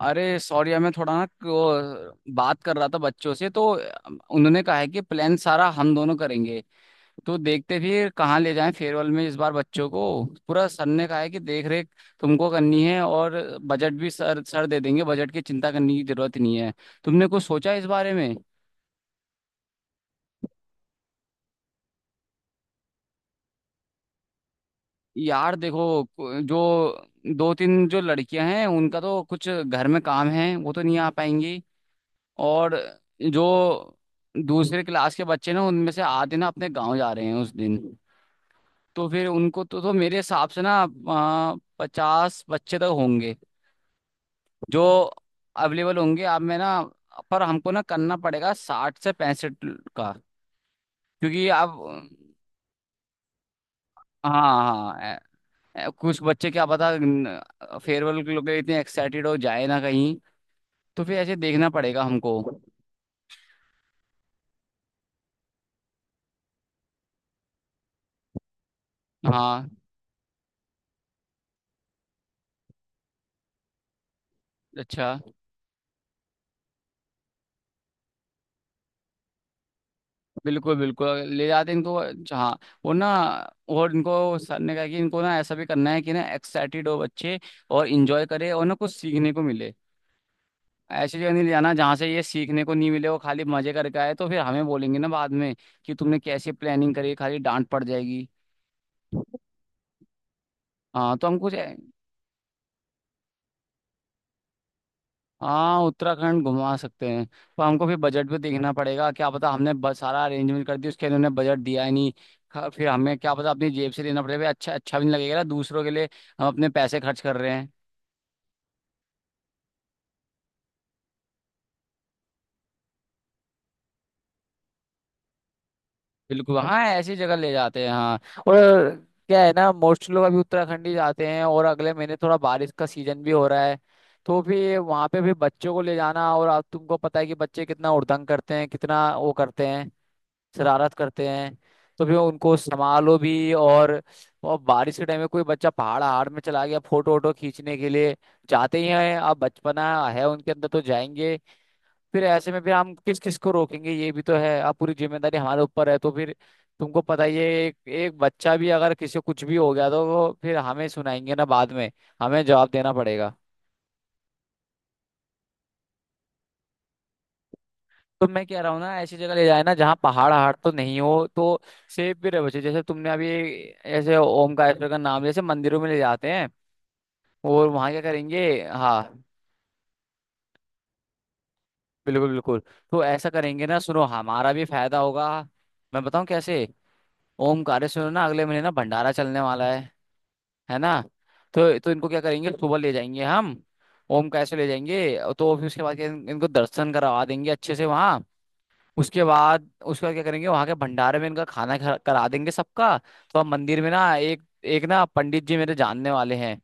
अरे सॉरी यार, मैं थोड़ा ना वो बात कर रहा था बच्चों से तो। उन्होंने कहा है कि प्लान सारा हम दोनों करेंगे। तो देखते फिर कहाँ ले जाएं फेयरवेल में इस बार बच्चों को। पूरा सर ने कहा है कि देख रेख तुमको करनी है और बजट भी सर सर दे देंगे। बजट की चिंता करने की जरूरत नहीं है। तुमने कुछ सोचा है इस बारे में? यार देखो जो दो तीन जो लड़कियां हैं उनका तो कुछ घर में काम है, वो तो नहीं आ पाएंगी। और जो दूसरे क्लास के बच्चे ना, उनमें से आधे ना अपने गांव जा रहे हैं उस दिन। तो फिर उनको तो मेरे हिसाब से ना पचास बच्चे तक होंगे जो अवेलेबल होंगे आप में ना। पर हमको ना करना पड़ेगा साठ से पैंसठ का, क्योंकि आप। हाँ हाँ, कुछ बच्चे क्या पता फेयरवेल के लिए इतने एक्साइटेड हो जाए ना कहीं, तो फिर ऐसे देखना पड़ेगा हमको। हाँ। अच्छा। बिल्कुल बिल्कुल, ले जाते हैं इनको। हाँ वो ना, और इनको सर ने कहा कि इनको ना ऐसा भी करना है कि ना एक्साइटेड हो बच्चे और इंजॉय करे और ना कुछ सीखने को मिले। ऐसी जगह नहीं ले जाना जहाँ से ये सीखने को नहीं मिले, वो खाली मजे करके आए तो फिर हमें बोलेंगे ना बाद में कि तुमने कैसे प्लानिंग करी, खाली डांट पड़ जाएगी। हाँ तो हम कुछ। हाँ, उत्तराखंड घुमा सकते हैं, पर हमको फिर बजट भी देखना पड़ेगा। क्या पता हमने बस सारा अरेंजमेंट कर दिया उसके लिए, उन्होंने बजट दिया ही नहीं। फिर हमें क्या पता अपनी जेब से लेना पड़ेगा, अच्छा अच्छा भी नहीं लगेगा ना दूसरों के लिए हम अपने पैसे खर्च कर रहे हैं। बिल्कुल, हाँ ऐसी जगह ले जाते हैं हाँ। और क्या है ना, मोस्ट लोग अभी उत्तराखंड ही जाते हैं, और अगले महीने थोड़ा बारिश का सीजन भी हो रहा है, तो फिर वहां पे भी बच्चों को ले जाना, और आप तुमको पता है कि बच्चे कितना उड़दंग करते हैं, कितना वो करते हैं, शरारत करते हैं। तो फिर उनको संभालो भी, और बारिश के टाइम में कोई बच्चा पहाड़ हाड़ में चला गया फोटो वोटो खींचने के लिए, जाते ही हैं, अब बचपना है उनके अंदर तो जाएंगे। फिर ऐसे में फिर हम किस किस को रोकेंगे, ये भी तो है। अब पूरी जिम्मेदारी हमारे ऊपर है तो फिर तुमको पता ही है, एक एक बच्चा भी अगर किसी को कुछ भी हो गया तो वो फिर हमें सुनाएंगे ना बाद में, हमें जवाब देना पड़ेगा। तो मैं कह रहा हूँ ना, ऐसी जगह ले जाए ना जहाँ पहाड़ हाड़ तो नहीं हो, तो सेफ भी रहे बच्चे। जैसे तुमने अभी ऐसे ओमकारेश्वर का नाम, जैसे मंदिरों में ले जाते हैं, और वहाँ क्या करेंगे, हाँ। बिल्कुल बिल्कुल, तो ऐसा करेंगे ना, सुनो हमारा भी फायदा होगा, मैं बताऊँ कैसे। ओमकारेश्वर ना अगले महीने ना भंडारा चलने वाला है ना। तो इनको क्या करेंगे, सुबह ले जाएंगे हम, ओमकारेश्वर ले जाएंगे। तो फिर उसके बाद क्या, इनको दर्शन करवा देंगे अच्छे से वहाँ। उसके बाद क्या करेंगे, वहां के भंडारे में इनका खाना करा देंगे सबका। तो हम मंदिर में ना, एक एक ना पंडित जी मेरे जानने वाले हैं,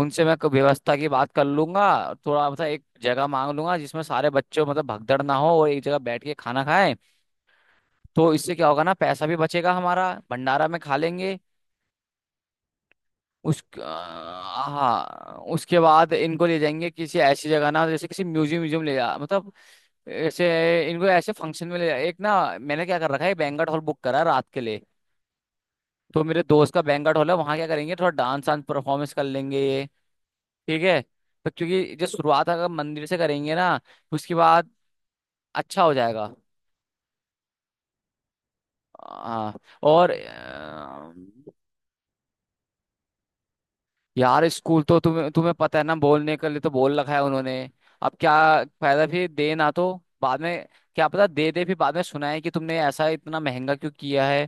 उनसे मैं व्यवस्था की बात कर लूंगा। थोड़ा मतलब एक जगह मांग लूंगा जिसमें सारे बच्चों, मतलब भगदड़ ना हो और एक जगह बैठ के खाना खाएं। तो इससे क्या होगा ना, पैसा भी बचेगा हमारा, भंडारा में खा लेंगे। उस हाँ, उसके बाद इनको ले जाएंगे किसी ऐसी जगह ना, जैसे किसी म्यूजियम, म्यूजियम ले जा मतलब ऐसे, इनको ऐसे फंक्शन में ले जा, एक ना मैंने क्या कर रखा है, बैंक्वेट हॉल बुक करा है रात के लिए। तो मेरे दोस्त का बैंक्वेट हॉल है, वहाँ क्या करेंगे थोड़ा डांस वांस परफॉर्मेंस कर लेंगे ये, ठीक है। तो क्योंकि जो शुरुआत अगर मंदिर से करेंगे ना, उसके बाद अच्छा हो जाएगा। हाँ और यार स्कूल तो तुम्हें तुम्हें पता है ना, बोलने के लिए तो बोल रखा है उन्होंने, अब क्या फायदा, फिर दे ना तो बाद में, क्या पता दे दे, फिर बाद में सुनाए कि तुमने ऐसा इतना महंगा क्यों किया है,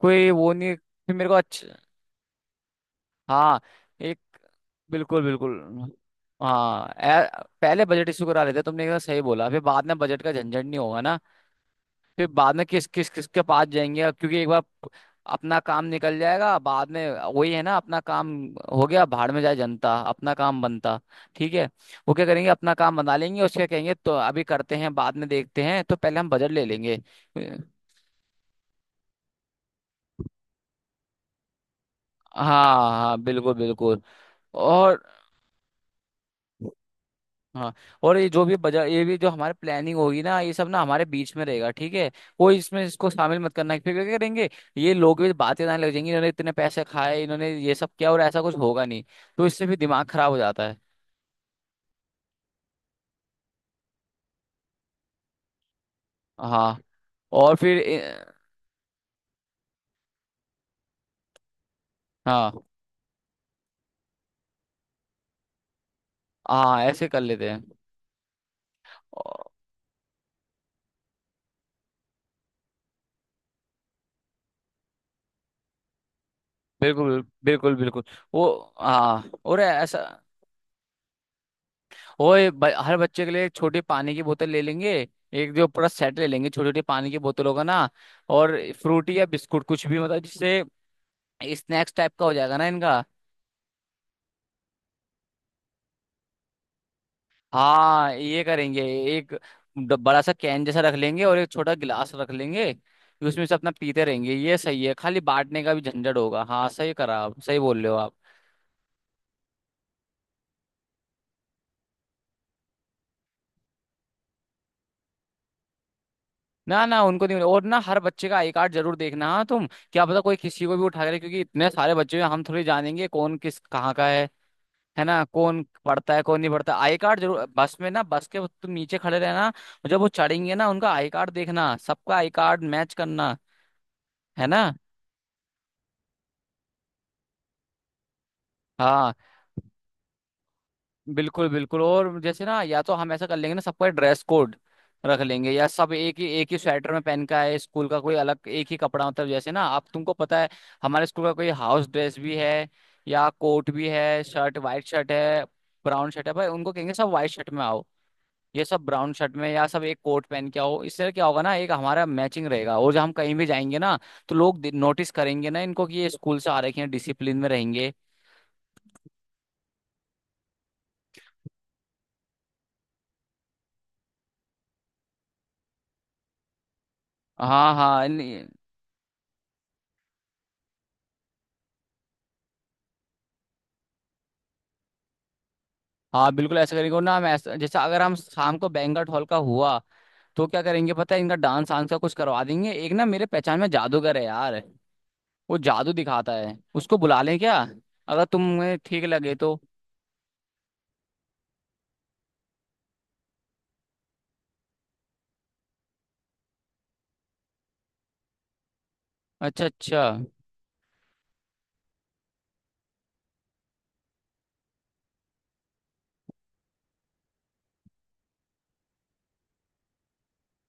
कोई वो नहीं फिर मेरे को अच्छा। हाँ एक, बिल्कुल बिल्कुल। हाँ, पहले बजट इशू करा लेते, तुमने कहा सही बोला, फिर बाद में बजट का झंझट नहीं होगा ना, फिर बाद में किस किस किसके पास जाएंगे, क्योंकि एक बार अपना काम निकल जाएगा बाद में, वही है ना, अपना काम हो गया, भाड़ में जाए जनता अपना काम बनता। ठीक है। वो क्या करेंगे अपना काम बना लेंगे, उसके कहेंगे तो अभी करते हैं बाद में देखते हैं, तो पहले हम बजट ले लेंगे। हाँ हाँ, बिल्कुल बिल्कुल। और हाँ, और ये जो भी बजा, ये भी जो हमारे प्लानिंग होगी ना, ये सब ना हमारे बीच में रहेगा, ठीक है। कोई इसमें इसको शामिल मत करना, फिर क्या करेंगे, ये लोग भी बातें ना लग जाएंगी, इन्होंने इतने पैसे खाए, इन्होंने ये सब किया, और ऐसा कुछ होगा नहीं, तो इससे भी दिमाग खराब हो जाता है। हाँ और फिर हाँ हाँ, ऐसे कर लेते हैं। और- बिल्कुल बिल्कुल बिल्कुल। वो हाँ और ऐसा, ओए, हर बच्चे के लिए एक छोटी पानी की बोतल ले लेंगे, एक जो पूरा सेट ले लेंगे छोटी छोटी पानी की बोतलों का ना, और फ्रूटी या बिस्कुट कुछ भी, मतलब जिससे स्नैक्स टाइप का हो जाएगा ना इनका। हाँ ये करेंगे, एक बड़ा सा कैन जैसा रख लेंगे और एक छोटा गिलास रख लेंगे, उसमें से अपना पीते रहेंगे, ये सही है, खाली बांटने का भी झंझट होगा, हाँ सही करा, आप सही बोल रहे हो आप। ना ना, उनको नहीं, और ना हर बच्चे का आई कार्ड जरूर देखना, हाँ तुम, क्या पता कोई किसी को भी उठा के ले, क्योंकि इतने सारे बच्चे हैं, हम थोड़ी जानेंगे कौन किस कहाँ का है ना, कौन पढ़ता है कौन नहीं पढ़ता। आई कार्ड जरूर, बस में ना, बस के तुम नीचे खड़े रहना, जब वो चढ़ेंगे ना उनका आई कार्ड देखना, सबका आई कार्ड मैच करना, है ना। हाँ बिल्कुल बिल्कुल, और जैसे ना, या तो हम ऐसा कर लेंगे ना सबका ड्रेस कोड रख लेंगे, या सब एक ही स्वेटर में पहन का है, स्कूल का कोई अलग एक ही कपड़ा, मतलब जैसे ना आप, तुमको पता है हमारे स्कूल का कोई हाउस ड्रेस भी है, या कोट भी है, शर्ट वाइट शर्ट है, ब्राउन शर्ट है भाई, उनको कहेंगे सब वाइट शर्ट में आओ, ये सब ब्राउन शर्ट में, या सब एक कोट पहन के आओ, इससे क्या होगा ना, एक हमारा मैचिंग रहेगा, और जब हम कहीं भी जाएंगे ना, तो लोग नोटिस करेंगे ना इनको कि ये स्कूल से आ रखे हैं, डिसिप्लिन में रहेंगे। हाँ हाँ, हाँ बिल्कुल ऐसा करेंगे। और ना हम ऐसा, जैसे अगर हम शाम को बैंक्वेट हॉल का हुआ, तो क्या करेंगे पता है, इनका डांस वांस का कुछ करवा देंगे, एक ना मेरे पहचान में जादूगर है यार, वो जादू दिखाता है, उसको बुला लें क्या, अगर तुम्हें ठीक लगे तो। अच्छा अच्छा।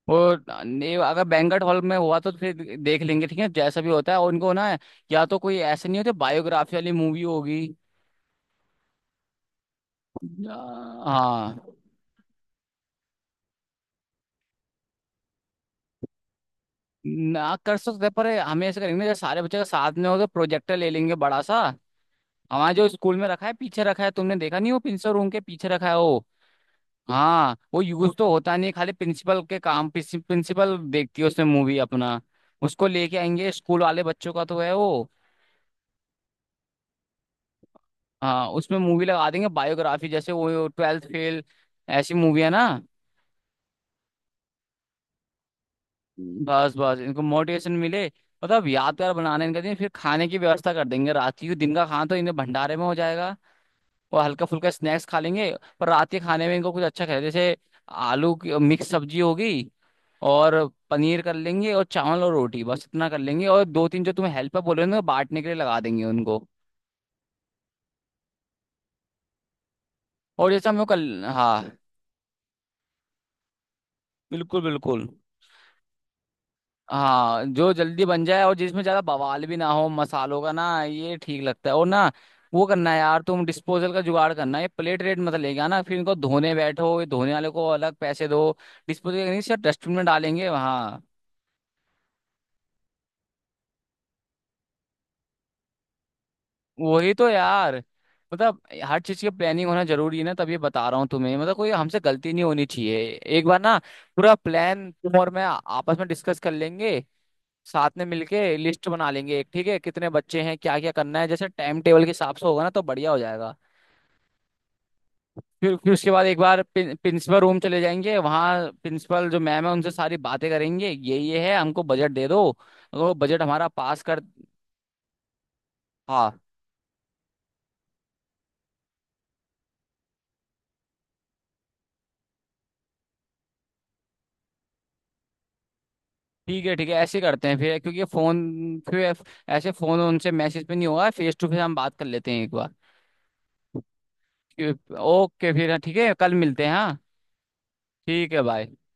और नहीं, अगर बैंक्वेट हॉल में हुआ तो फिर देख लेंगे ठीक है, जैसा भी होता है, और उनको ना, या तो कोई ऐसे नहीं होते बायोग्राफी वाली मूवी होगी, या- हाँ, ना कर सकते हैं, पर हमें ऐसे करेंगे ना, जब सारे बच्चे का साथ में हो तो प्रोजेक्टर ले लेंगे बड़ा सा, हमारे जो स्कूल में रखा है, पीछे रखा है, तुमने देखा नहीं, वो प्रिंसिपल रूम के पीछे रखा है वो। हाँ वो यूज तो होता नहीं, खाली प्रिंसिपल के काम प्रिंसिपल देखती है उसमें मूवी, अपना उसको लेके आएंगे, स्कूल वाले बच्चों का तो है वो। हाँ उसमें मूवी लगा देंगे, बायोग्राफी, जैसे वो ट्वेल्थ फेल, ऐसी मूवी है ना। बस बस इनको मोटिवेशन मिले, मतलब यादगार बनाने इनका दिन, फिर खाने की व्यवस्था कर देंगे रात की, दिन का खाना तो इन्हें भंडारे में हो जाएगा और हल्का फुल्का स्नैक्स खा लेंगे, पर रात के खाने में इनको कुछ अच्छा खाए, जैसे आलू की मिक्स सब्जी होगी और पनीर कर लेंगे और चावल और रोटी, बस इतना कर लेंगे। और दो तीन जो तुम्हें हेल्पर बोल रहे हो ना, बांटने के लिए लगा देंगे उनको। और जैसे हम लोग कल, हाँ, बिल्कुल बिल्कुल। हाँ जो जल्दी बन जाए और जिसमें ज्यादा बवाल भी ना हो मसालों का ना, ये ठीक लगता है। और ना, वो करना है यार तुम, डिस्पोजल का जुगाड़ करना, ये प्लेट रेट मत लेके आना, फिर इनको धोने बैठो, ये धोने वाले को अलग पैसे दो। डिस्पोजल नहीं सर, डस्टबिन में डालेंगे वहाँ। वही तो यार, मतलब हर चीज की प्लानिंग होना जरूरी है ना, तब ये बता रहा हूँ तुम्हें, मतलब कोई हमसे गलती नहीं होनी चाहिए। एक बार ना पूरा प्लान तुम और मैं आपस में डिस्कस कर लेंगे, साथ में मिलके लिस्ट बना लेंगे एक, ठीक है, कितने बच्चे हैं, क्या क्या करना है, जैसे टाइम टेबल के हिसाब से होगा ना, तो बढ़िया हो जाएगा। फिर उसके बाद एक बार प्रिंसिपल रूम चले जाएंगे, वहाँ प्रिंसिपल जो मैम है उनसे सारी बातें करेंगे, ये है हमको बजट दे दो, अगर वो बजट हमारा पास कर। हाँ ठीक है ठीक है, ऐसे करते हैं फिर क्योंकि फोन, फिर ऐसे फोन उनसे मैसेज पे नहीं होगा, फेस टू फेस हम बात कर लेते हैं एक बार। ओके फिर हाँ, ठीक है, कल मिलते हैं हाँ। ठीक है, बाय।